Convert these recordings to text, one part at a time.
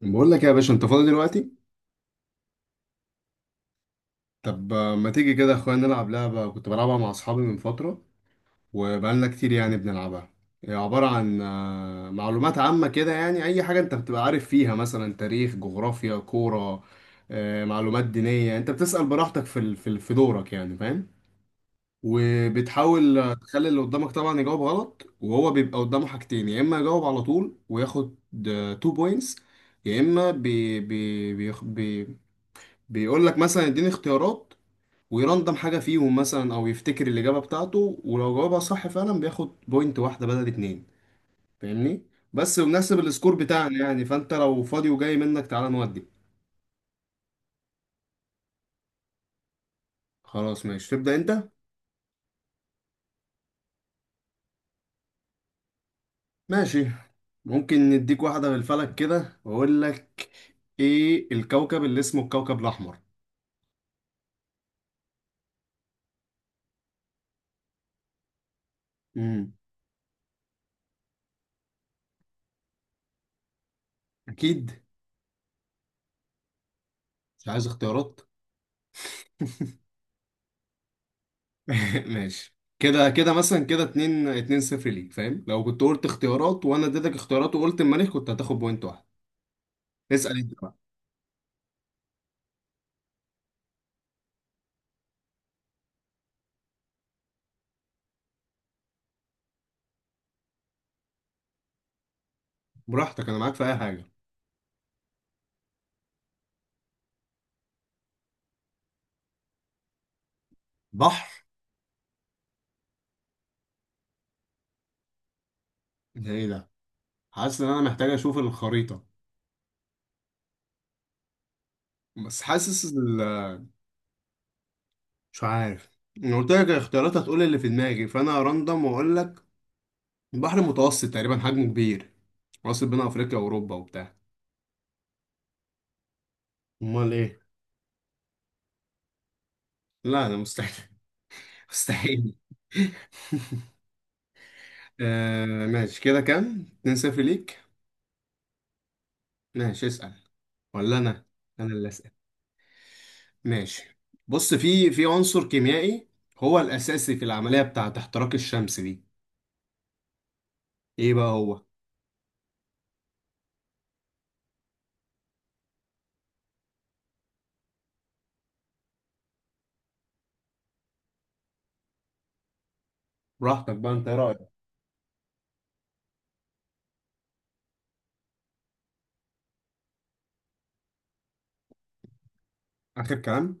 بقول لك يا باشا انت فاضي دلوقتي. طب ما تيجي كده يا اخويا نلعب لعبة كنت بلعبها مع اصحابي من فترة، وبقالنا كتير يعني بنلعبها. هي عبارة عن معلومات عامة كده، يعني اي حاجة انت بتبقى عارف فيها مثلا تاريخ، جغرافيا، كورة، معلومات دينية. انت بتسأل براحتك في دورك، يعني فاهم. وبتحاول تخلي اللي قدامك طبعا يجاوب غلط، وهو بيبقى قدامه حاجتين: يا اما يجاوب على طول وياخد 2 بوينتس، يا اما بي بي بي بيقول لك مثلا اديني اختيارات، ويرندم حاجة فيهم مثلا، او يفتكر الإجابة بتاعته، ولو جاوبها صح فعلا بياخد بوينت واحدة بدل اتنين. فاهمني؟ بس بنحسب السكور بتاعنا يعني. فانت لو فاضي وجاي منك تعالى نودي. خلاص ماشي، تبدأ انت. ماشي. ممكن نديك واحدة بالفلك كده واقول لك. ايه الكوكب اللي اسمه الكوكب الأحمر؟ امم. اكيد. مش عايز اختيارات. ماشي كده، كده مثلا كده اتنين اتنين صفر ليك، فاهم؟ لو كنت قلت اختيارات وانا اديتك اختيارات وقلت المريخ كنت هتاخد بوينت واحد. اسأل انت بقى. براحتك، انا معاك في اي حاجة. بحر؟ ده ايه ده؟ حاسس ان انا محتاج اشوف الخريطة. بس حاسس ال... مش عارف. انا قلت لك الاختيارات هتقول اللي في دماغي، فانا راندم واقول لك. بحر متوسط تقريبا، حجمه كبير، واصل بين افريقيا واوروبا وبتاع. امال ايه؟ لا ده مستحيل. مستحيل. آه ماشي، كده كام؟ 2-0 ليك. ماشي اسأل. ولا أنا؟ أنا اللي أسأل. ماشي. بص، في عنصر كيميائي هو الأساسي في العملية بتاعة احتراق الشمس دي، إيه بقى هو؟ براحتك بقى، أنت إيه رأيك؟ آخر كلام؟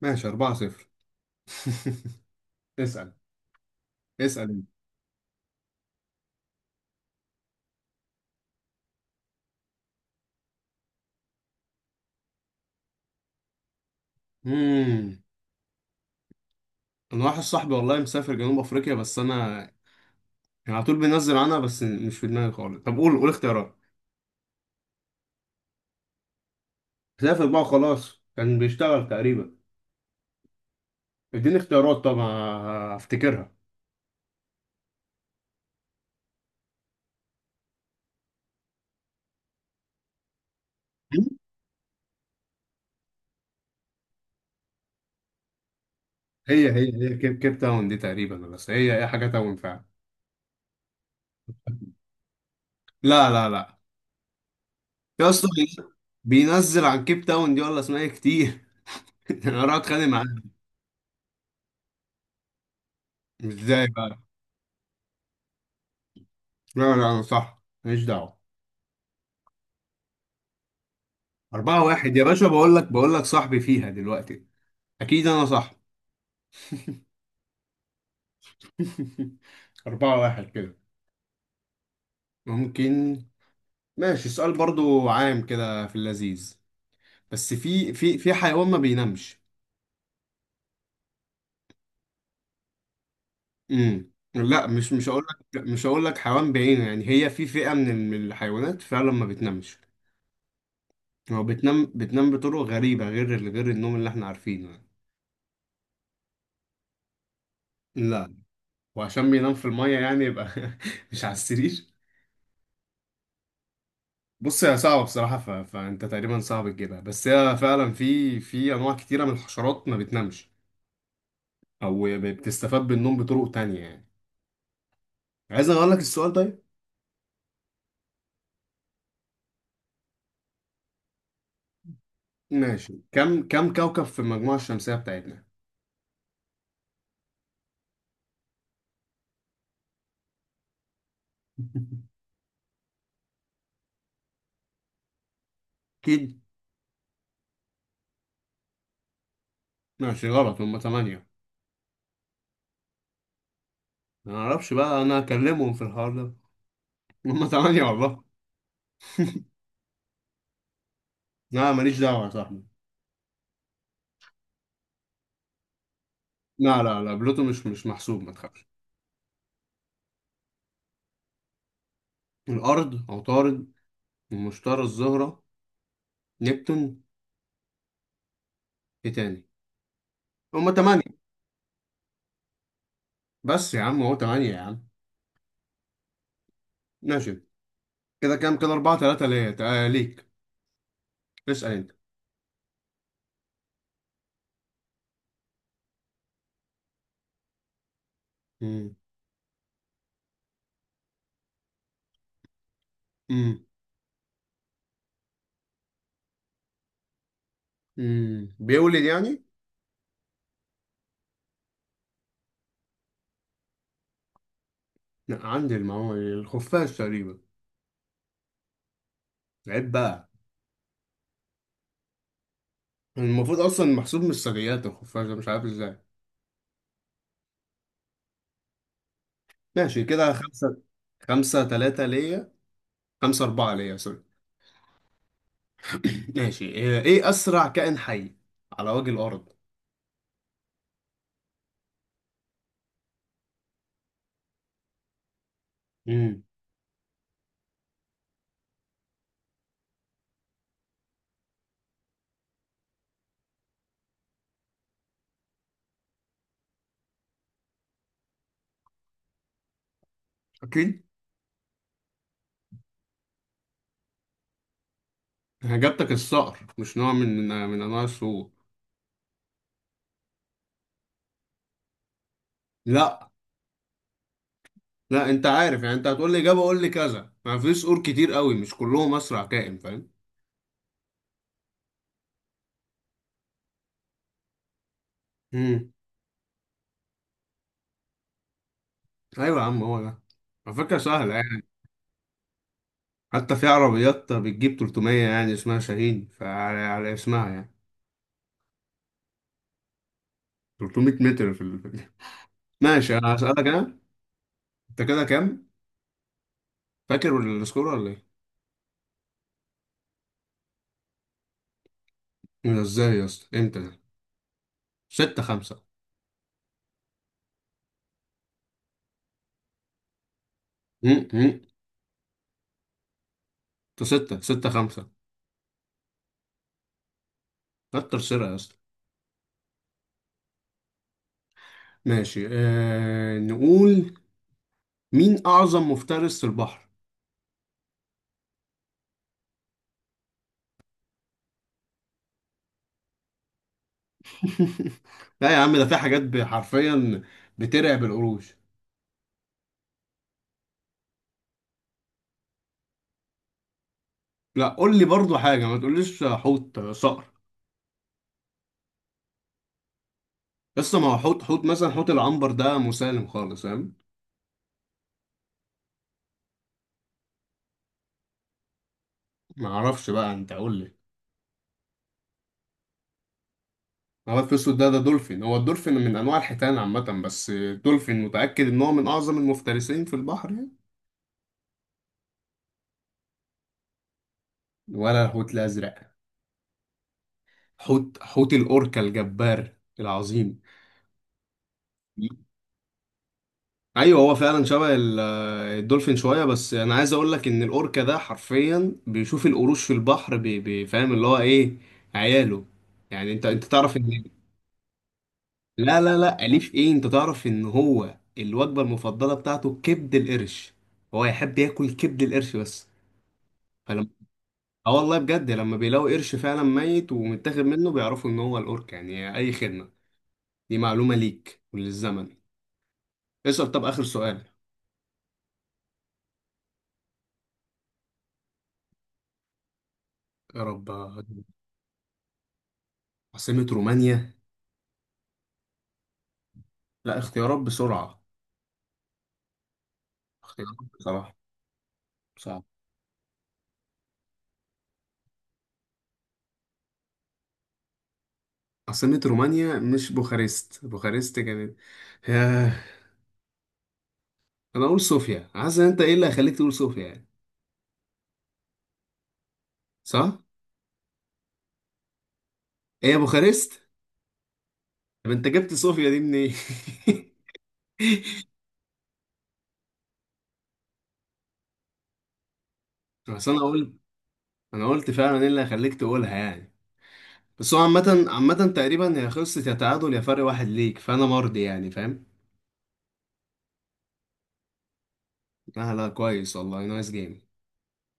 ماشي 4-0. اسأل. اسأل أنت. مم. أنا واحد صاحبي والله مسافر جنوب أفريقيا، بس أنا يعني على طول بينزل عنها، بس مش في دماغي خالص. طب قول اختيارات. سافر بقى خلاص، كان بيشتغل تقريبا. اديني اختيارات طبعا، هفتكرها. هي كيب تاون دي تقريبا، بس هي حاجة تاون فعلا. لا لا لا، يا اسطى بينزل عن كيب تاون دي ولا اسمها ايه كتير. انا راح اتخانق معاه. ازاي بقى؟ لا لا، انا صح ماليش دعوة. أربعة واحد يا باشا، بقول لك بقول لك صاحبي فيها دلوقتي، أكيد أنا صح. أربعة واحد كده. ممكن. ماشي، السؤال برضو عام كده في اللذيذ. بس في حيوان ما بينامش. امم، لا، مش هقول لك، مش هقول لك حيوان بعينه يعني. هي في فئة من الحيوانات فعلا ما بتنامش. هو بتنام بطرق غريبة، غير النوم اللي احنا عارفينه يعني. لا. وعشان بينام في المية يعني يبقى مش على السرير. بص هي صعبة بصراحة، فانت تقريبا صعب تجيبها. بس هي فعلا في انواع كتيرة من الحشرات ما بتنامش، او بتستفاد بالنوم بطرق تانية يعني. عايز اقول لك السؤال طيب. ماشي. كم كوكب في المجموعة الشمسية بتاعتنا؟ اكيد. ماشي غلط، هم 8. ما اعرفش بقى، انا اكلمهم في الحوار ده؟ هم تمانية والله. لا ماليش دعوة يا صاحبي. لا لا لا، بلوتو مش محسوب، ما تخافش. الارض، عطارد، ومشتري، الزهرة، نبتون، ايه تاني؟ هم تمانية. بس يا عم هو تمانية يا عم. ماشي، كده كام كده؟ اربعة تلاتة ليا، ليك. اسأل انت. مم. مم. مم. بيولد يعني؟ لا، عندي المعلومة دي، الخفاش تقريبا. عيب بقى، المفروض اصلا محسوب من الثدييات الخفاش ده، مش عارف ازاي. ماشي كده خمسة. خمسة تلاتة ليا. خمسة أربعة ليا، سوري. ماشي، إيه إيه أسرع كائن حي على وجه الأرض؟ امم. أكيد. إجابتك الصقر؟ مش نوع من أنواع الصقور؟ لا لا، أنت عارف يعني، أنت هتقول لي إجابة قول لي كذا، ما في صقور كتير قوي مش كلهم أسرع كائن، فاهم؟ امم. أيوة يا عم، هو ده. على فكرة سهلة يعني، حتى في عربيات بتجيب 300 يعني، اسمها شاهين، فعلى على اسمها يعني. 300 متر في ال... ماشي، أنا هسألك أنا. أنت كده كام؟ فاكر السكور ولا إيه؟ إيه ده إزاي يا اسطى؟ إمتى؟ ستة خمسة. مم، مم. انتوا ستة، ستة خمسة. كتر خيرها يا اسطى. ماشي آه، نقول. مين أعظم مفترس في البحر؟ لا يا عم، ده في حاجات حرفيا بترعب القروش. لا قول لي برضو حاجة، ما تقوليش حوت صقر. لسه، ما هو حوت مثلا حوت العنبر ده مسالم خالص فاهم. ما اعرفش بقى، انت قول لي. هو الفسود ده دولفين، هو الدولفين من انواع الحيتان عامة، بس الدولفين متأكد ان هو من اعظم المفترسين في البحر يعني. ولا الحوت الازرق. حوت الأوركا الجبار العظيم. ايوه، هو فعلا شبه الدولفين شويه. بس انا عايز اقول لك ان الاوركا ده حرفيا بيشوف القروش في البحر فاهم اللي هو ايه، عياله. يعني انت تعرف ان، لا لا لا، اليف ايه، انت تعرف ان هو الوجبه المفضله بتاعته كبد القرش، هو يحب ياكل كبد القرش بس، فلما اه والله بجد لما بيلاقوا قرش فعلا ميت ومتاخد منه بيعرفوا ان هو الاوركا، يعني اي خدمه، دي معلومه ليك وللزمن. اسأل، طب آخر سؤال. يا رب. عاصمة رومانيا؟ لا، اختيارات بسرعة. اختيارات بصراحة، صعب. عاصمة رومانيا مش بوخارست؟ بوخارست كانت. ياه. أنا أقول صوفيا، عايز أنت. إيه اللي هيخليك تقول صوفيا يعني؟ صح؟ هي بوخارست؟ طب أنت جبت صوفيا دي منين؟ بس أنا قلت. أنا قلت فعلا إيه اللي هيخليك تقولها يعني. بس هو عامة، عامة تقريبا هي خلصت، يا تعادل يا فرق واحد ليك، فأنا مرضي يعني فاهم؟ لا لا، كويس والله، نايس جيم.